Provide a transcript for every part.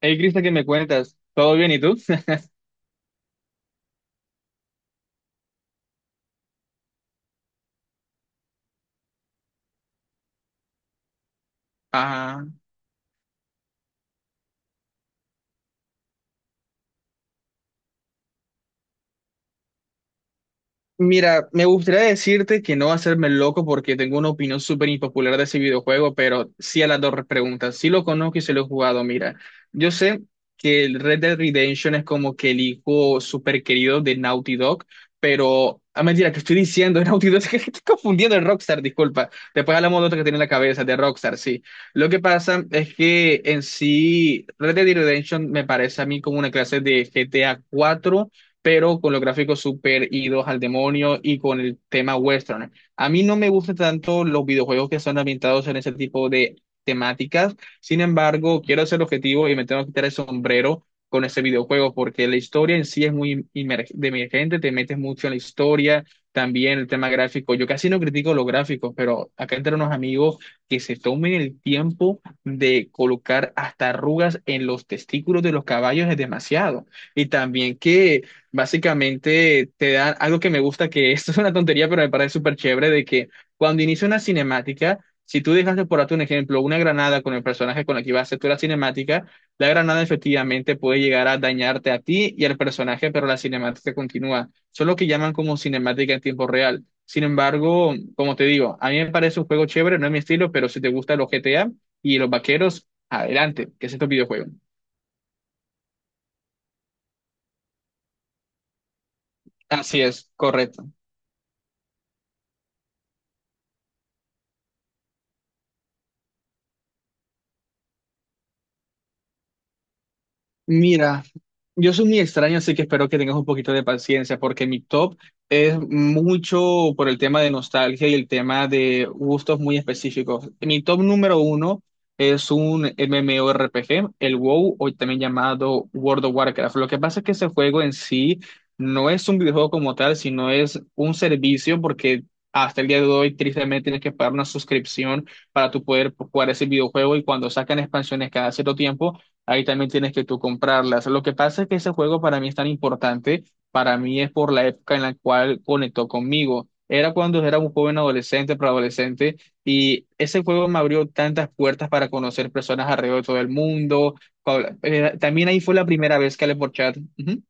Hey, Cristo, ¿qué me cuentas? ¿Todo bien y tú? Ah. Mira, me gustaría decirte que no hacerme el loco porque tengo una opinión súper impopular de ese videojuego, pero sí a las dos preguntas. Sí lo conozco y se lo he jugado. Mira, yo sé que el Red Dead Redemption es como que el hijo súper querido de Naughty Dog, pero a mentira que estoy diciendo, de Naughty Dog, es que estoy confundiendo el Rockstar, disculpa. Después hablamos de otro que tiene en la cabeza, de Rockstar, sí. Lo que pasa es que en sí, Red Dead Redemption me parece a mí como una clase de GTA 4 pero con los gráficos super idos al demonio y con el tema western. A mí no me gustan tanto los videojuegos que son ambientados en ese tipo de temáticas, sin embargo, quiero ser objetivo y me tengo que quitar el sombrero con ese videojuego porque la historia en sí es muy de emergente, te metes mucho en la historia, también el tema gráfico. Yo casi no critico los gráficos, pero acá entre unos amigos que se tomen el tiempo de colocar hasta arrugas en los testículos de los caballos es demasiado. Y también que. Básicamente te dan algo que me gusta, que esto es una tontería, pero me parece súper chévere, de que cuando inicia una cinemática, si tú dejas de por darte un ejemplo, una granada con el personaje con el que vas a hacer tú la cinemática, la granada efectivamente puede llegar a dañarte a ti y al personaje, pero la cinemática continúa. Eso es lo que llaman como cinemática en tiempo real. Sin embargo, como te digo, a mí me parece un juego chévere, no es mi estilo, pero si te gustan los GTA y los vaqueros, adelante, que es este videojuego. Así es, correcto. Mira, yo soy muy extraño, así que espero que tengas un poquito de paciencia, porque mi top es mucho por el tema de nostalgia y el tema de gustos muy específicos. Mi top número uno es un MMORPG, el WoW, hoy también llamado World of Warcraft. Lo que pasa es que ese juego en sí no es un videojuego como tal, sino es un servicio, porque hasta el día de hoy, tristemente, tienes. Ahí también tienes que tú comprarlas. Lo que pasa es que ese juego para mí es tan importante, para mí es por la época en la cual conectó conmigo. Era cuando era un joven adolescente, preadolescente, y ese juego me abrió tantas puertas para conocer personas alrededor de todo el mundo. Paula, también ahí fue la primera vez que hablé por chat. Ujú.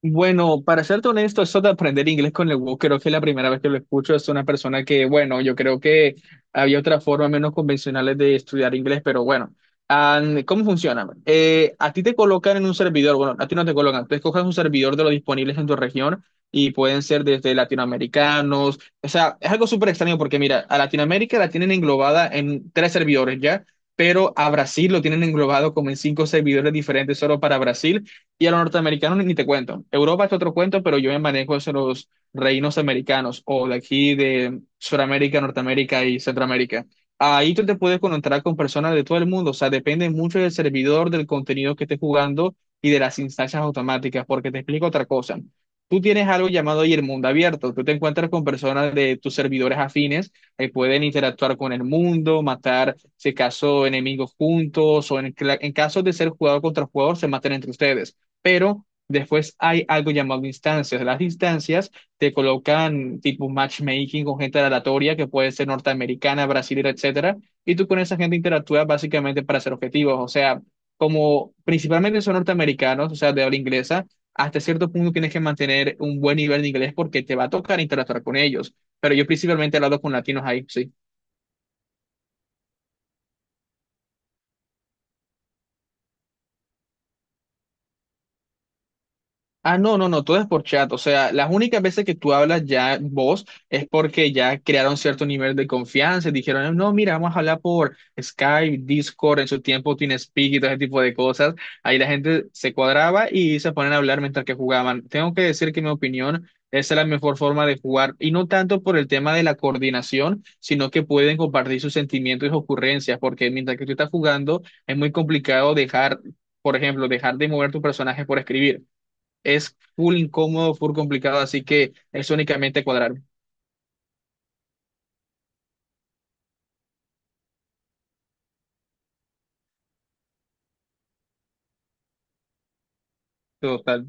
Bueno, para serte honesto, eso de aprender inglés con el WoW, creo que es la primera vez que lo escucho. Es una persona que, bueno, yo creo que había otras formas menos convencionales de estudiar inglés, pero bueno. Ah, ¿cómo funciona? A ti te colocan en un servidor, bueno, a ti no te colocan, tú escoges un servidor de los disponibles en tu región y pueden ser desde latinoamericanos. O sea, es algo súper extraño porque, mira, a Latinoamérica la tienen englobada en tres servidores ya, pero a Brasil lo tienen englobado como en cinco servidores diferentes solo para Brasil y a los norteamericanos ni te cuento. Europa es otro cuento, pero yo me manejo en los reinos americanos o de aquí de Sudamérica, Norteamérica y Centroamérica. Ahí tú te puedes conectar con personas de todo el mundo. O sea, depende mucho del servidor, del contenido que estés jugando y de las instancias automáticas, porque te explico otra cosa. Tú tienes algo llamado ahí el mundo abierto. Tú te encuentras con personas de tus servidores afines que pueden interactuar con el mundo, matar, si acaso, enemigos juntos o en caso de ser jugador contra jugador, se matan entre ustedes, pero después hay algo llamado instancias. Las instancias te colocan tipo matchmaking con gente aleatoria que puede ser norteamericana, brasilera, etcétera, y tú con esa gente interactúas básicamente para hacer objetivos. O sea, como principalmente son norteamericanos, o sea, de habla inglesa, hasta cierto punto tienes que mantener un buen nivel de inglés porque te va a tocar interactuar con ellos. Pero yo principalmente he hablado con latinos ahí, sí. Ah, no, no, no, todo es por chat. O sea, las únicas veces que tú hablas ya vos es porque ya crearon cierto nivel de confianza y dijeron, no, mira, vamos a hablar por Skype, Discord, en su tiempo TeamSpeak y todo ese tipo de cosas. Ahí la gente se cuadraba y se ponían a hablar mientras que jugaban. Tengo que decir que, en mi opinión, esa es la mejor forma de jugar, y no tanto por el tema de la coordinación, sino que pueden compartir sus sentimientos y sus ocurrencias, porque mientras que tú estás jugando, es muy complicado dejar, por ejemplo, dejar de mover tu personaje por escribir. Es full incómodo, full complicado, así que es únicamente cuadrar. Total.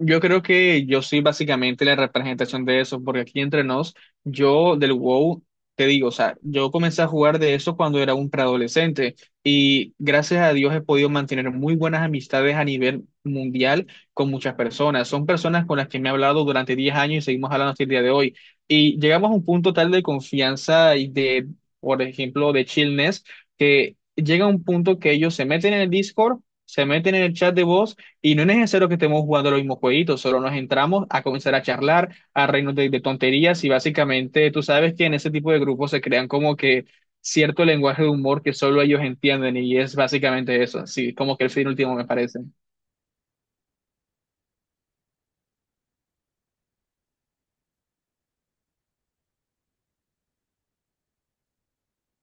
Yo creo que yo soy básicamente la representación de eso, porque aquí entre nos, yo del WoW, te digo, o sea, yo comencé a jugar de eso cuando era un preadolescente y gracias a Dios he podido mantener muy buenas amistades a nivel mundial con muchas personas. Son personas con las que me he hablado durante 10 años y seguimos hablando hasta el día de hoy. Y llegamos a un punto tal de confianza y de, por ejemplo, de chillness, que llega a un punto que ellos se meten en el Discord, se meten en el chat de voz y no es necesario que estemos jugando los mismos jueguitos, solo nos entramos a comenzar a charlar, a reírnos de tonterías, y básicamente tú sabes que en ese tipo de grupos se crean como que cierto lenguaje de humor que solo ellos entienden, y es básicamente eso, sí, como que el fin último me parece.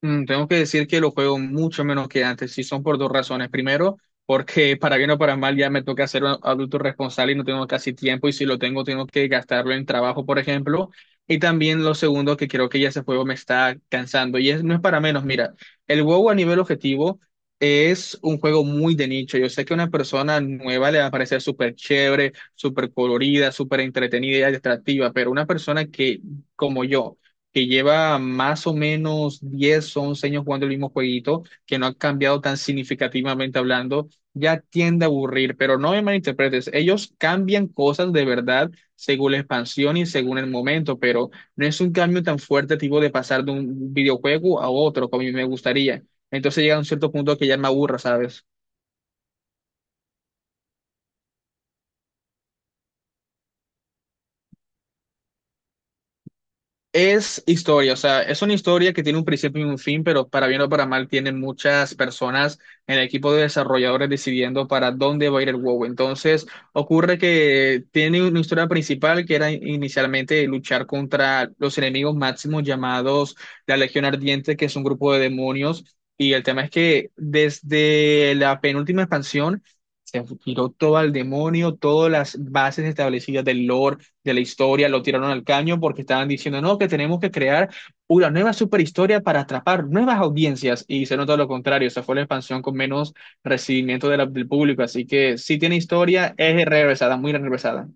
Tengo que decir que lo juego mucho menos que antes, y son por dos razones. Primero, porque para bien o para mal ya me toca ser un adulto responsable y no tengo casi tiempo, y si lo tengo, tengo que gastarlo en trabajo, por ejemplo. Y también lo segundo, que creo que ya ese juego me está cansando, y es, no es para menos. Mira, el WoW a nivel objetivo es un juego muy de nicho. Yo sé que a una persona nueva le va a parecer súper chévere, súper colorida, súper entretenida y atractiva, pero una persona que, como yo, que lleva más o menos 10, 11 años jugando el mismo jueguito, que no ha cambiado tan significativamente hablando, ya tiende a aburrir, pero no me malinterpretes, ellos cambian cosas de verdad según la expansión y según el momento, pero no es un cambio tan fuerte tipo de pasar de un videojuego a otro como a mí me gustaría. Entonces llega a un cierto punto que ya no me aburra, ¿sabes? Es historia, o sea, es una historia que tiene un principio y un fin, pero para bien o para mal tienen muchas personas en el equipo de desarrolladores decidiendo para dónde va a ir el WoW. Entonces, ocurre que tiene una historia principal que era inicialmente luchar contra los enemigos máximos llamados la Legión Ardiente, que es un grupo de demonios. Y el tema es que desde la penúltima expansión se tiró todo al demonio, todas las bases establecidas del lore de la historia, lo tiraron al caño porque estaban diciendo, no, que tenemos que crear una nueva superhistoria para atrapar nuevas audiencias, y se nota lo contrario, esa fue la expansión con menos recibimiento de del público, así que sí tiene historia, es regresada, muy regresada.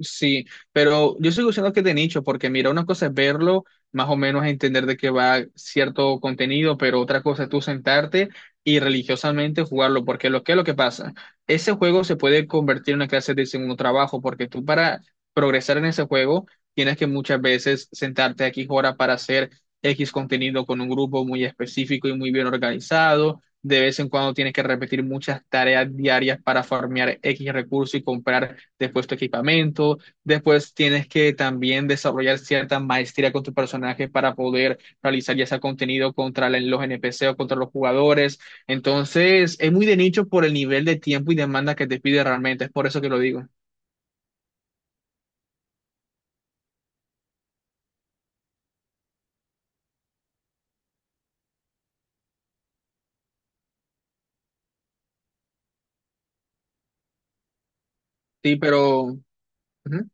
Sí, pero. Yo sigo diciendo que es de nicho, porque mira, una cosa es verlo, más o menos entender de qué va cierto contenido, pero otra cosa es tú sentarte y religiosamente jugarlo, porque lo que es lo que pasa, ese juego se puede convertir en una clase de segundo trabajo, porque tú para progresar en ese juego tienes que muchas veces sentarte aquí horas para hacer X contenido con un grupo muy específico y muy bien organizado. De vez en cuando tienes que repetir muchas tareas diarias para farmear X recursos y comprar después tu equipamiento, después tienes que también desarrollar cierta maestría con tu personaje para poder realizar ya sea contenido contra la- los NPC o contra los jugadores. Entonces, es muy de nicho por el nivel de tiempo y demanda que te pide realmente, es por eso que lo digo. Sí, pero... Ujú.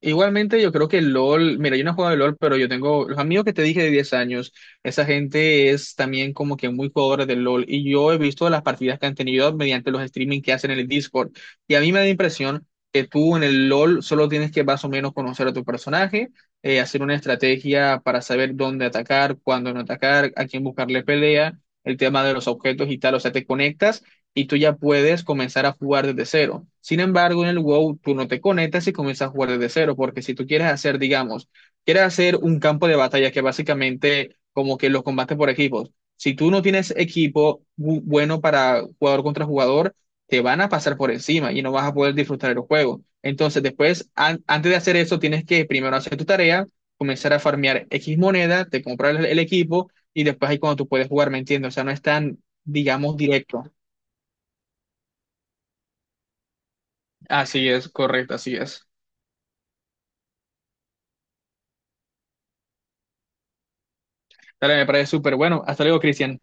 Igualmente, yo creo que LOL, mira, yo no he jugado de LOL, pero yo tengo los amigos que te dije de 10 años, esa gente es también como que muy jugadora de LOL, y yo he visto las partidas que han tenido mediante los streaming que hacen en el Discord, y a mí me da la impresión que tú en el LOL solo tienes que más o menos conocer a tu personaje, hacer una estrategia para saber dónde atacar, cuándo no atacar, a quién buscarle pelea, el tema de los objetos y tal, o sea, te conectas y tú ya puedes comenzar a jugar desde cero. Sin embargo, en el WoW tú no te conectas y comienzas a jugar desde cero, porque si tú quieres hacer, digamos, quieres hacer un campo de batalla que básicamente como que los combates por equipos, si tú no tienes equipo bueno para jugador contra jugador, te van a pasar por encima y no vas a poder disfrutar el juego. Entonces, después, antes de hacer eso, tienes que primero hacer tu tarea, comenzar a farmear X moneda, te compras el equipo y después ahí cuando tú puedes jugar, ¿me entiendes? O sea, no es tan, digamos, directo. Así es, correcto, así es. Dale, me parece súper bueno. Hasta luego, Cristian.